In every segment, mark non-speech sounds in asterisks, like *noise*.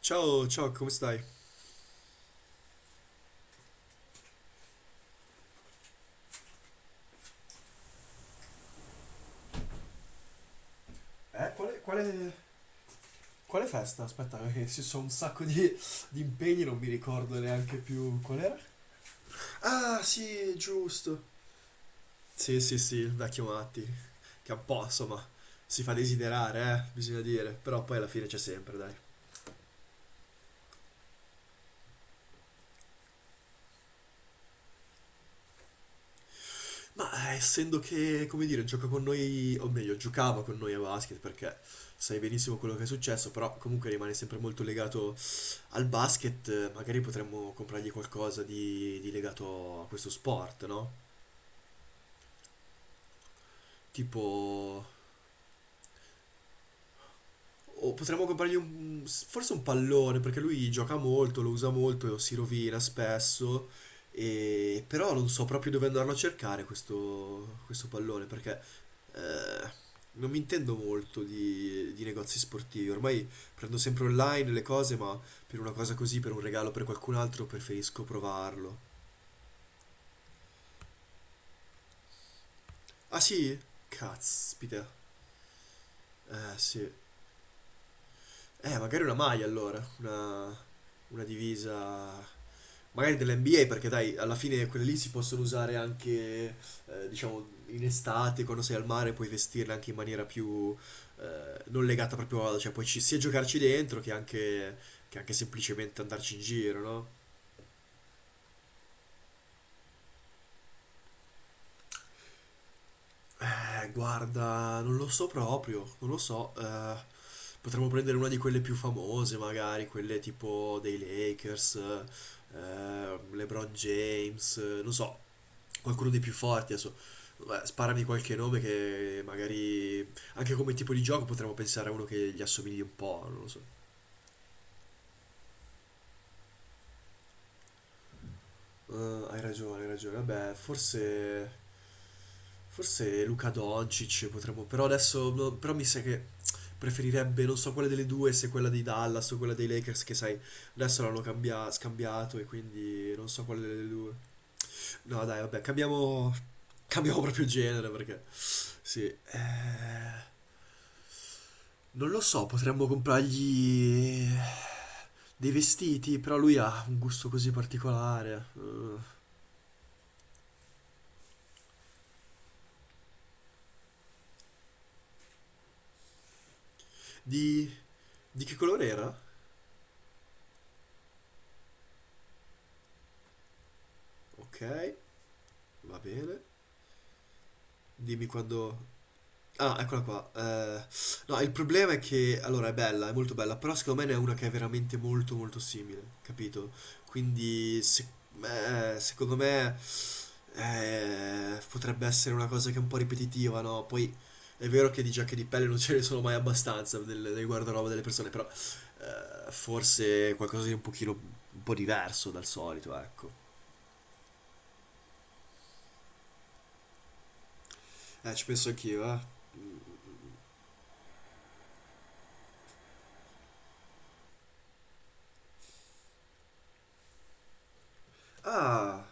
Ciao, ciao, come stai? Eh, quale, quale- quale festa? Aspetta, perché ci sono un sacco di impegni, non mi ricordo neanche più qual era. Ah, sì, giusto. Sì, sì, sì, il vecchio Matti, che un po', insomma, si fa desiderare, bisogna dire, però poi alla fine c'è sempre, dai. Ma essendo che, come dire, gioca con noi, o meglio, giocava con noi a basket, perché sai benissimo quello che è successo, però comunque rimane sempre molto legato al basket. Magari potremmo comprargli qualcosa di legato a questo sport, no? Tipo... O potremmo comprargli un, forse un pallone, perché lui gioca molto, lo usa molto, si rovina spesso, e, però non so proprio dove andarlo a cercare questo, questo pallone, perché eh, non mi intendo molto di negozi sportivi. Ormai prendo sempre online le cose, ma per una cosa così, per un regalo per qualcun altro, preferisco provarlo. Ah sì? Caspita. Eh sì. Magari una maglia allora, una divisa, magari dell'NBA perché dai, alla fine quelle lì si possono usare anche, diciamo, in estate, quando sei al mare puoi vestirle anche in maniera più, non legata proprio a, cioè puoi sia giocarci dentro che anche semplicemente andarci in giro, no? Guarda, non lo so proprio, non lo so. Potremmo prendere una di quelle più famose, magari, quelle tipo dei Lakers, LeBron James, non so, qualcuno dei più forti adesso. Beh, sparami qualche nome che magari anche come tipo di gioco potremmo pensare a uno che gli assomigli un po', non lo so. Hai ragione, hai ragione. Vabbè, forse, forse Luka Doncic potremmo. Però adesso, no, però mi sa che preferirebbe, non so quale delle due, se quella dei Dallas o quella dei Lakers, che sai, adesso l'hanno scambiato e quindi non so quale delle due. No, dai, vabbè, cambiamo. Cambiamo proprio genere perché. Sì. Non lo so, potremmo comprargli dei vestiti, però lui ha un gusto così particolare. Di. Di che colore era? Ok, va bene. Dimmi quando... Ah, eccola qua. No, il problema è che, allora, è bella, è molto bella, però secondo me ne è una che è veramente molto molto simile, capito? Quindi, se- Secondo me, potrebbe essere una cosa che è un po' ripetitiva, no? Poi è vero che di giacche di pelle non ce ne sono mai abbastanza nel, nel guardaroba delle persone, però forse qualcosa di un pochino, un po' diverso dal solito, ecco. Ci penso anch'io, eh. Ah...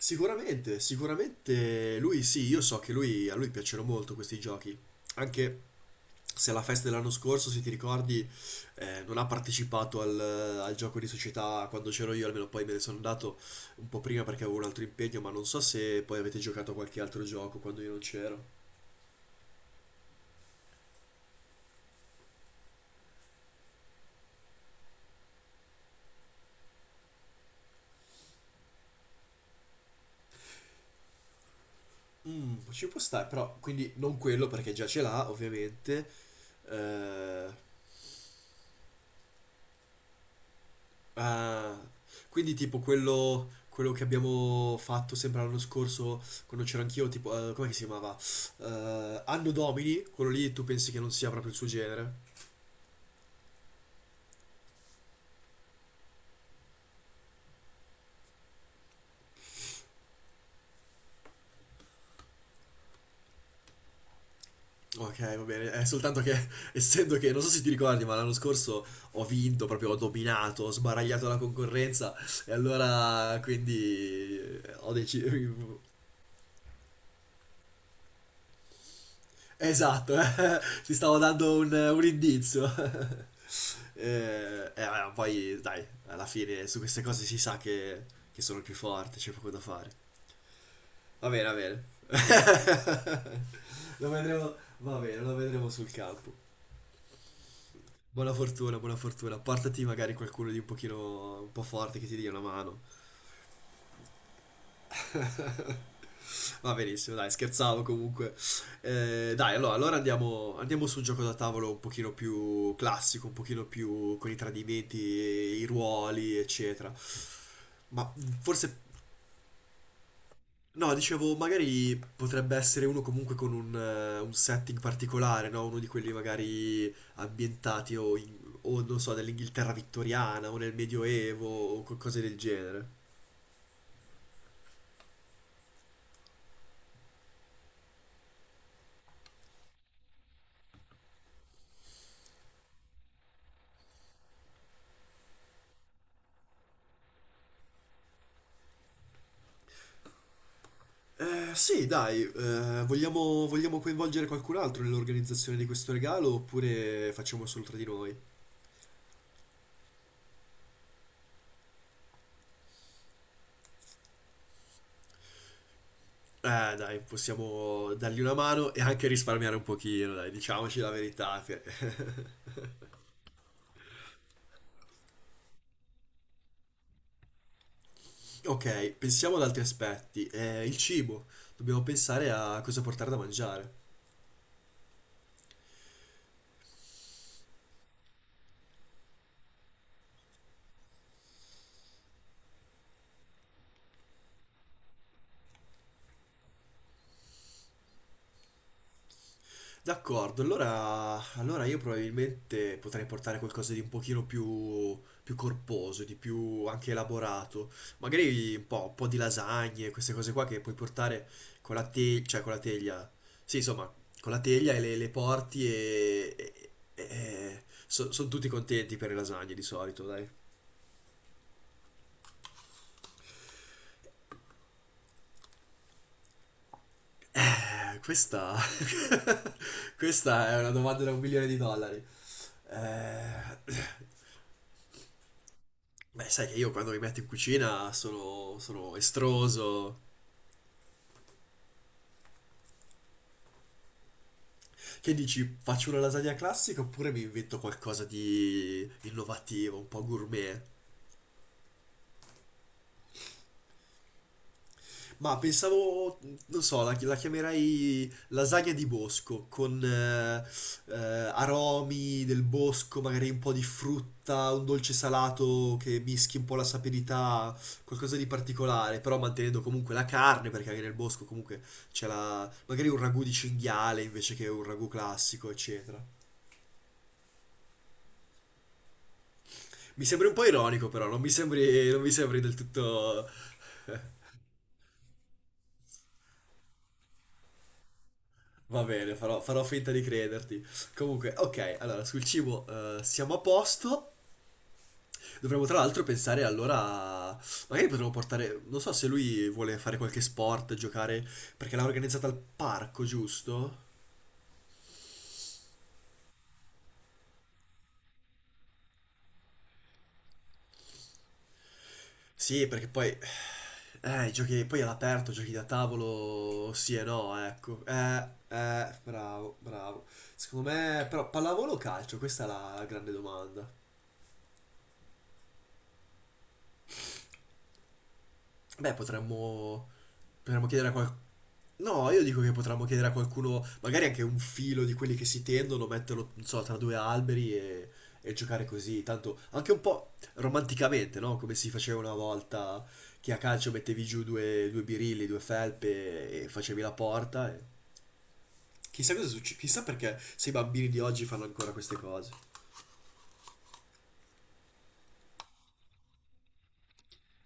Sicuramente, sicuramente lui sì, io so che lui, a lui piacciono molto questi giochi, anche se alla festa dell'anno scorso, se ti ricordi, non ha partecipato al, al gioco di società quando c'ero io, almeno poi me ne sono andato un po' prima perché avevo un altro impegno, ma non so se poi avete giocato a qualche altro gioco quando io non c'ero. Mm, ci può stare, però quindi non quello perché già ce l'ha, ovviamente. eh, Ah, quindi tipo quello, quello che abbiamo fatto sempre l'anno scorso, quando c'ero anch'io, tipo, come si chiamava? Anno Domini, quello lì tu pensi che non sia proprio il suo genere? Ok, va bene, è soltanto che, *laughs* essendo che, non so se ti ricordi, ma l'anno scorso ho vinto, proprio ho dominato, ho sbaragliato la concorrenza, e allora, quindi, ho deciso. *laughs* Esatto, *laughs* ti stavo dando un indizio. *laughs* Ma poi dai, alla fine su queste cose si sa che sono il più forte, c'è poco da fare. Va bene, va bene. *laughs* Lo vedremo, va bene, lo vedremo sul campo. Buona fortuna, buona fortuna. Portati magari qualcuno di un pochino, un po' forte che ti dia una mano. *laughs* Va benissimo, dai, scherzavo comunque. Dai, allora, allora andiamo, andiamo su un gioco da tavolo un pochino più classico, un pochino più con i tradimenti, e i ruoli, eccetera. Ma mm, forse, no, dicevo, magari potrebbe essere uno comunque con un setting particolare, no? Uno di quelli magari ambientati o non so, nell'Inghilterra vittoriana o nel Medioevo o cose del genere. Sì, dai, vogliamo, vogliamo coinvolgere qualcun altro nell'organizzazione di questo regalo oppure facciamo solo tra di noi? Dai, possiamo dargli una mano e anche risparmiare un pochino, dai, diciamoci la verità. *laughs* Ok, pensiamo ad altri aspetti. Il cibo, dobbiamo pensare a cosa portare da mangiare. D'accordo, allora, allora io probabilmente potrei portare qualcosa di un pochino più, più corposo, di più anche elaborato. Magari un po' di lasagne, queste cose qua che puoi portare con la teglia, cioè con la teglia. Sì, insomma, con la teglia e le porti e, sono tutti contenti per le lasagne di solito, dai. Questa... *laughs* questa è una domanda da un milione di dollari. Eh, Beh, sai che io quando mi metto in cucina sono, sono estroso. Che dici, faccio una lasagna classica oppure mi invento qualcosa di innovativo, un po' gourmet? Ma pensavo, non so, la, la chiamerei lasagna di bosco, con aromi del bosco, magari un po' di frutta, un dolce salato che mischi un po' la sapidità, qualcosa di particolare, però mantenendo comunque la carne, perché anche nel bosco comunque c'è la, magari un ragù di cinghiale invece che un ragù classico, eccetera. Mi sembri un po' ironico, però, non mi sembri, non mi sembri del tutto. Va bene, farò, farò finta di crederti. Comunque, ok, allora sul cibo siamo a posto. Dovremmo tra l'altro pensare allora, magari potremmo portare, non so se lui vuole fare qualche sport, giocare, perché l'ha organizzata al parco, giusto? Sì, perché poi, i giochi, poi all'aperto, giochi da tavolo, sì e no, ecco. Bravo, bravo. Secondo me, però, pallavolo o calcio? Questa è la grande domanda. Beh, potremmo, potremmo chiedere a qualcuno... No, io dico che potremmo chiedere a qualcuno, magari anche un filo di quelli che si tendono, metterlo, non so, tra due alberi e giocare così. Tanto anche un po' romanticamente, no? Come si faceva una volta che a calcio mettevi giù due, due birilli, due felpe e facevi la porta. Chissà cosa succede, chissà perché se i bambini di oggi fanno ancora queste cose.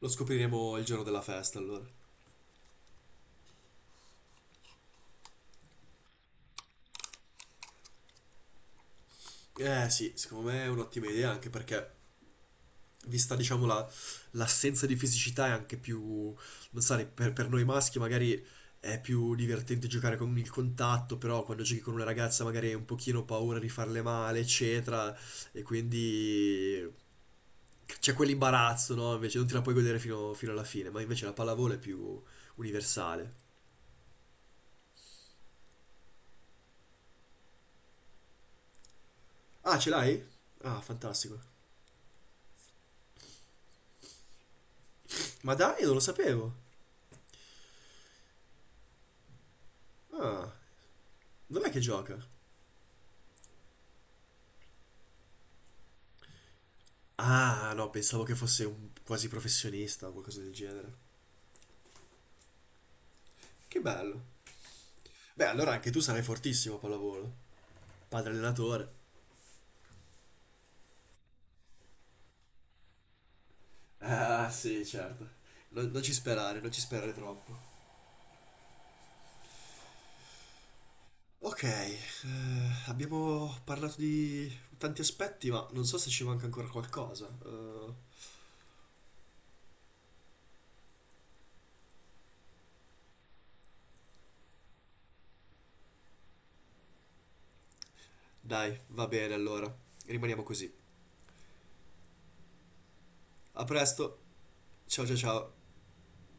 Lo scopriremo il giorno della festa, allora. Eh sì, secondo me è un'ottima idea anche perché vista diciamo l'assenza di fisicità è anche più, non so, per noi maschi magari è più divertente giocare con il contatto, però quando giochi con una ragazza magari hai un pochino paura di farle male, eccetera, e quindi c'è quell'imbarazzo, no? Invece non te la puoi godere fino, fino alla fine, ma invece la pallavolo è più universale. Ah, ce l'hai? Ah, fantastico. Ma dai, non lo sapevo. Ah, dov'è che gioca? Ah, no, pensavo che fosse un quasi professionista o qualcosa del genere. Che bello. Beh, allora anche tu sarai fortissimo a pallavolo. Padre allenatore. Ah, sì, certo. Non, non ci sperare, non ci sperare troppo. Ok, abbiamo parlato di tanti aspetti, ma non so se ci manca ancora qualcosa. Dai, va bene allora. Rimaniamo così. A presto. Ciao ciao ciao.